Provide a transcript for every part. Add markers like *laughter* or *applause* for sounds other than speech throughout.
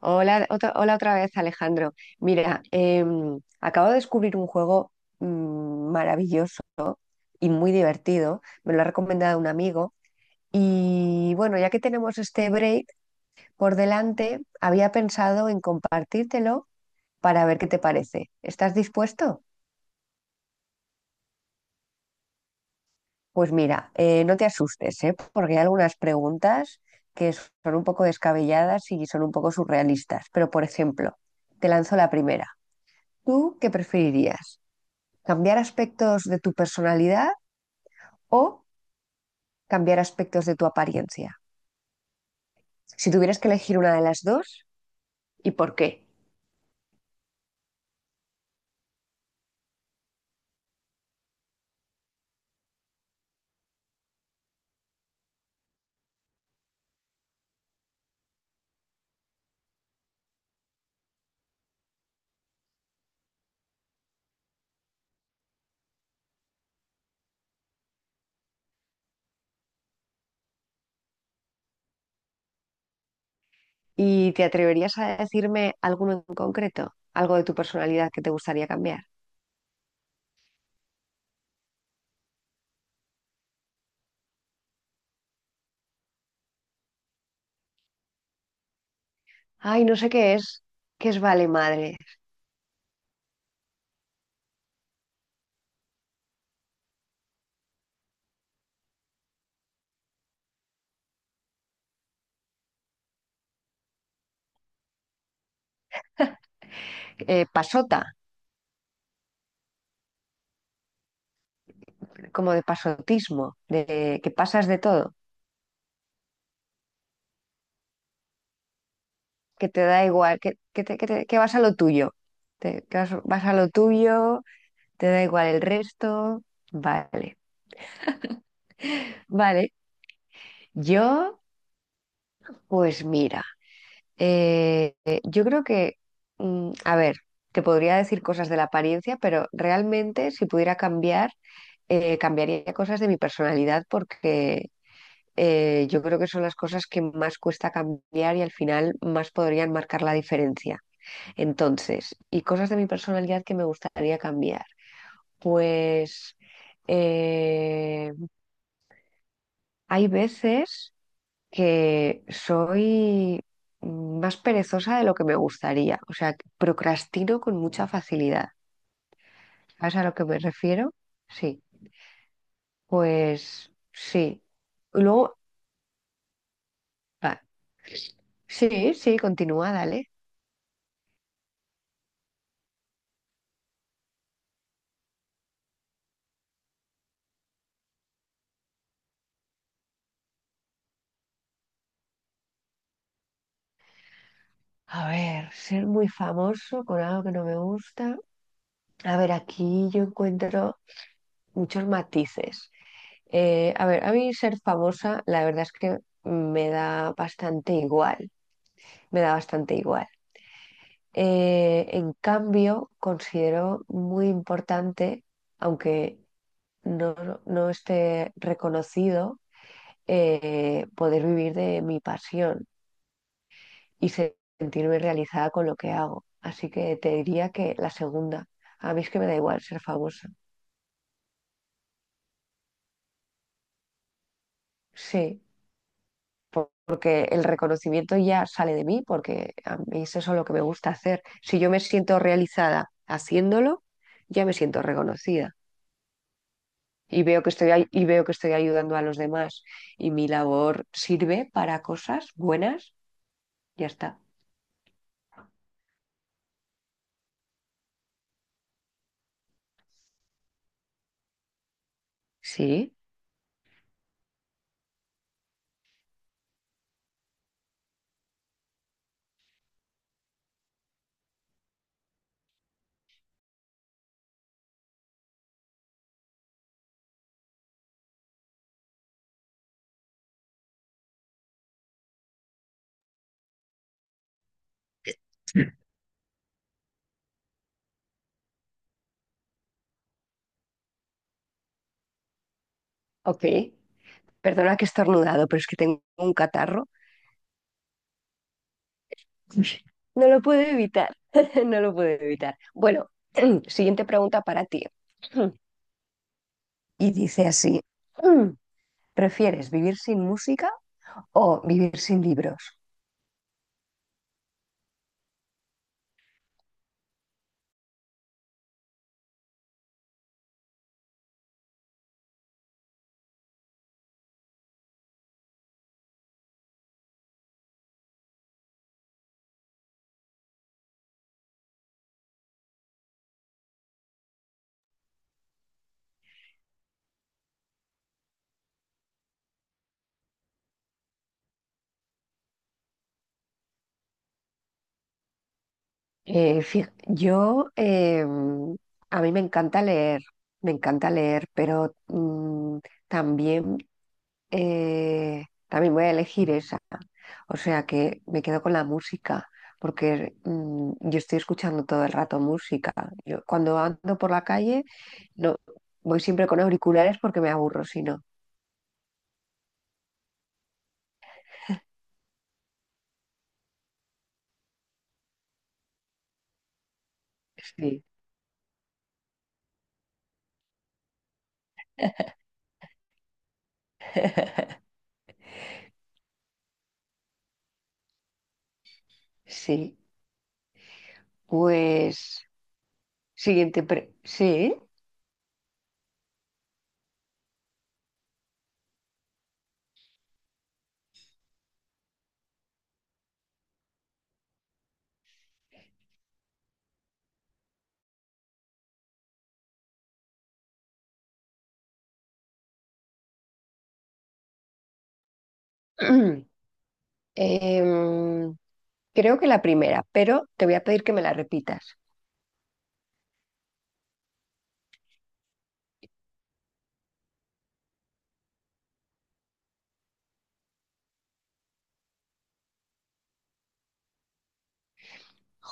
Hola otra vez, Alejandro. Mira, acabo de descubrir un juego maravilloso y muy divertido. Me lo ha recomendado un amigo. Y bueno, ya que tenemos este break por delante, había pensado en compartírtelo para ver qué te parece. ¿Estás dispuesto? Pues mira, no te asustes, ¿eh? Porque hay algunas preguntas que son un poco descabelladas y son un poco surrealistas. Pero, por ejemplo, te lanzo la primera. ¿Tú qué preferirías? ¿Cambiar aspectos de tu personalidad o cambiar aspectos de tu apariencia? Si tuvieras que elegir una de las dos, ¿y por qué? ¿Y te atreverías a decirme alguno en concreto? ¿Algo de tu personalidad que te gustaría cambiar? Ay, no sé qué es. ¿Qué es vale madre? Pasota, como de pasotismo, de que pasas de todo, que te da igual, que vas a lo tuyo, que vas, vas a lo tuyo, te da igual el resto. Vale, vale. Yo, pues mira, yo creo que, a ver, te podría decir cosas de la apariencia, pero realmente si pudiera cambiar, cambiaría cosas de mi personalidad porque yo creo que son las cosas que más cuesta cambiar y al final más podrían marcar la diferencia. Entonces, y cosas de mi personalidad que me gustaría cambiar. Pues eh, hay veces que soy más perezosa de lo que me gustaría, o sea, que procrastino con mucha facilidad. ¿Sabes a lo que me refiero? Sí, pues sí. Luego, ah, sí, sí, continúa, dale. A ver, ser muy famoso con algo que no me gusta. A ver, aquí yo encuentro muchos matices. A ver, a mí ser famosa, la verdad es que me da bastante igual, me da bastante igual. En cambio, considero muy importante, aunque no, no esté reconocido, poder vivir de mi pasión y sentirme realizada con lo que hago. Así que te diría que la segunda. A mí es que me da igual ser famosa. Sí, porque el reconocimiento ya sale de mí, porque a mí es eso lo que me gusta hacer. Si yo me siento realizada haciéndolo, ya me siento reconocida. Y veo que estoy, y veo que estoy ayudando a los demás y mi labor sirve para cosas buenas, ya está. Sí, ok. Perdona que he estornudado, pero es que tengo un catarro. *laughs* No lo puedo evitar, *laughs* no lo puedo evitar. Bueno, *clears throat* siguiente pregunta para ti. *clears throat* Y dice así, *clears throat* ¿prefieres vivir sin música o vivir sin libros? Yo, a mí me encanta leer, pero también, también voy a elegir esa. O sea que me quedo con la música, porque yo estoy escuchando todo el rato música. Yo cuando ando por la calle, no, voy siempre con auriculares porque me aburro, si no. Sí, *laughs* sí. Pues, sí. *clears throat* Em, creo que la primera, pero te voy a pedir que me la repitas.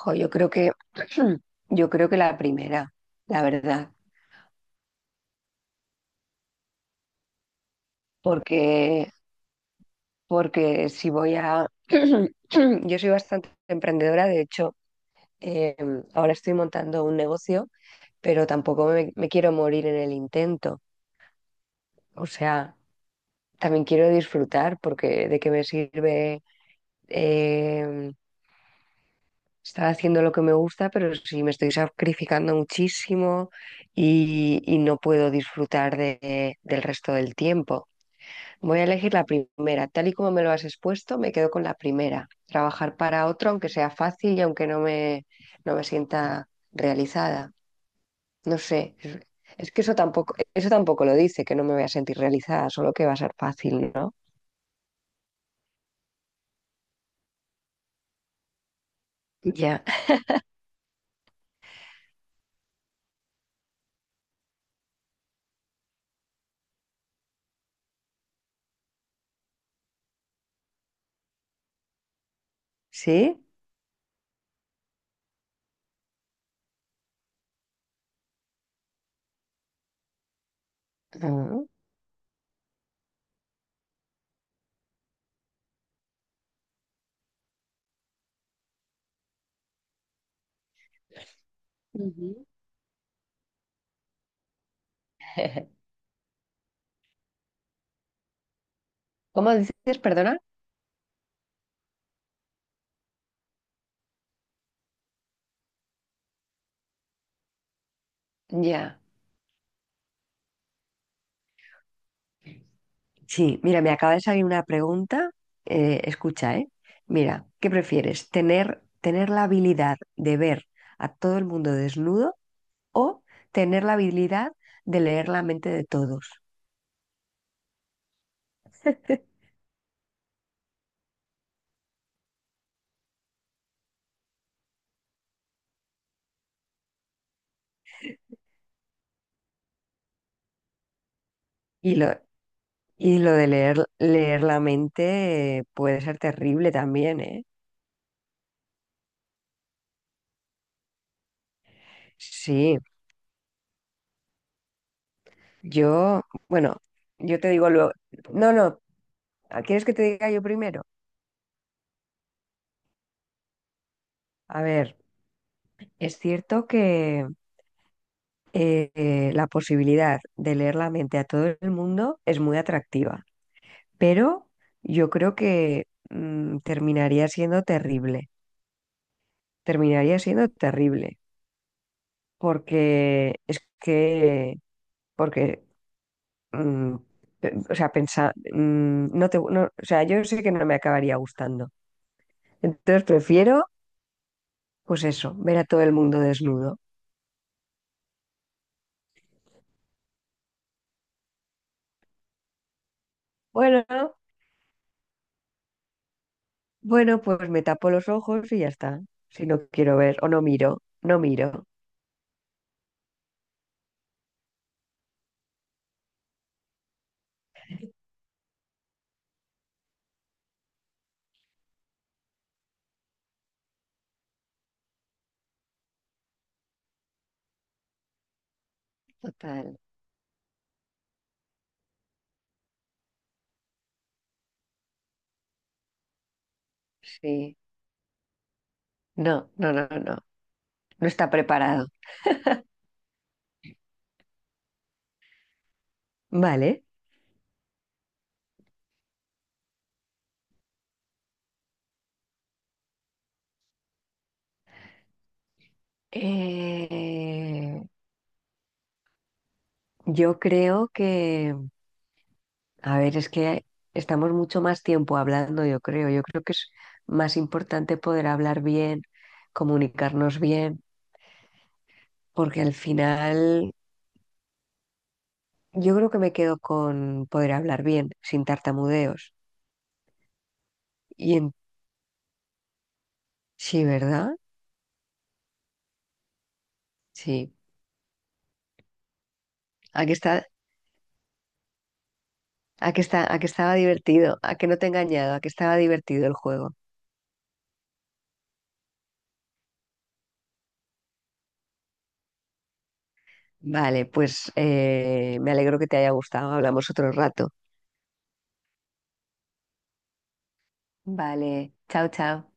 Jo, yo creo que, *clears throat* yo creo que la primera, la verdad, porque, porque si voy a, *clears throat* yo soy bastante emprendedora, de hecho, eh, ahora estoy montando un negocio, pero tampoco me quiero morir en el intento. O sea, también quiero disfrutar, porque de qué me sirve. eh, estar haciendo lo que me gusta, pero sí me estoy sacrificando muchísimo y no puedo disfrutar del resto del tiempo. Voy a elegir la primera. Tal y como me lo has expuesto, me quedo con la primera. Trabajar para otro, aunque sea fácil y aunque no me, no me sienta realizada. No sé. Es que eso tampoco lo dice, que no me voy a sentir realizada, solo que va a ser fácil, ¿no? Ya. ¿Sí? Ah. Ujú. *laughs* ¿Cómo dices, perdona? Ya. Sí, mira, me acaba de salir una pregunta. Escucha, ¿eh? Mira, ¿qué prefieres? Tener la habilidad de ver a todo el mundo desnudo o tener la habilidad de leer la mente de todos? *laughs* Y lo, y lo de leer, leer la mente puede ser terrible también, ¿eh? Sí, yo, bueno, yo te digo luego. No, no, ¿quieres que te diga yo primero? A ver, es cierto que la posibilidad de leer la mente a todo el mundo es muy atractiva, pero yo creo que mm, terminaría siendo terrible, terminaría siendo terrible, porque es que, porque, mm, o sea, no te, o sea, yo sé que no me acabaría gustando, entonces prefiero, pues eso, ver a todo el mundo desnudo. Bueno, bueno, pues me tapo los ojos y ya está. Si no quiero ver, o no miro, no miro. Total. Sí, no, no, no, no, no está preparado. Vale. Eh, yo creo que, a ver, es que estamos mucho más tiempo hablando, yo creo. Yo creo que es más importante poder hablar bien, comunicarnos bien, porque al final yo creo que me quedo con poder hablar bien, sin tartamudeos. Y en, sí, ¿verdad? Sí. A que está, a que está, a que estaba divertido, a que no te he engañado, a que estaba divertido el juego. Vale, pues me alegro que te haya gustado. Hablamos otro rato. Vale, chao, chao.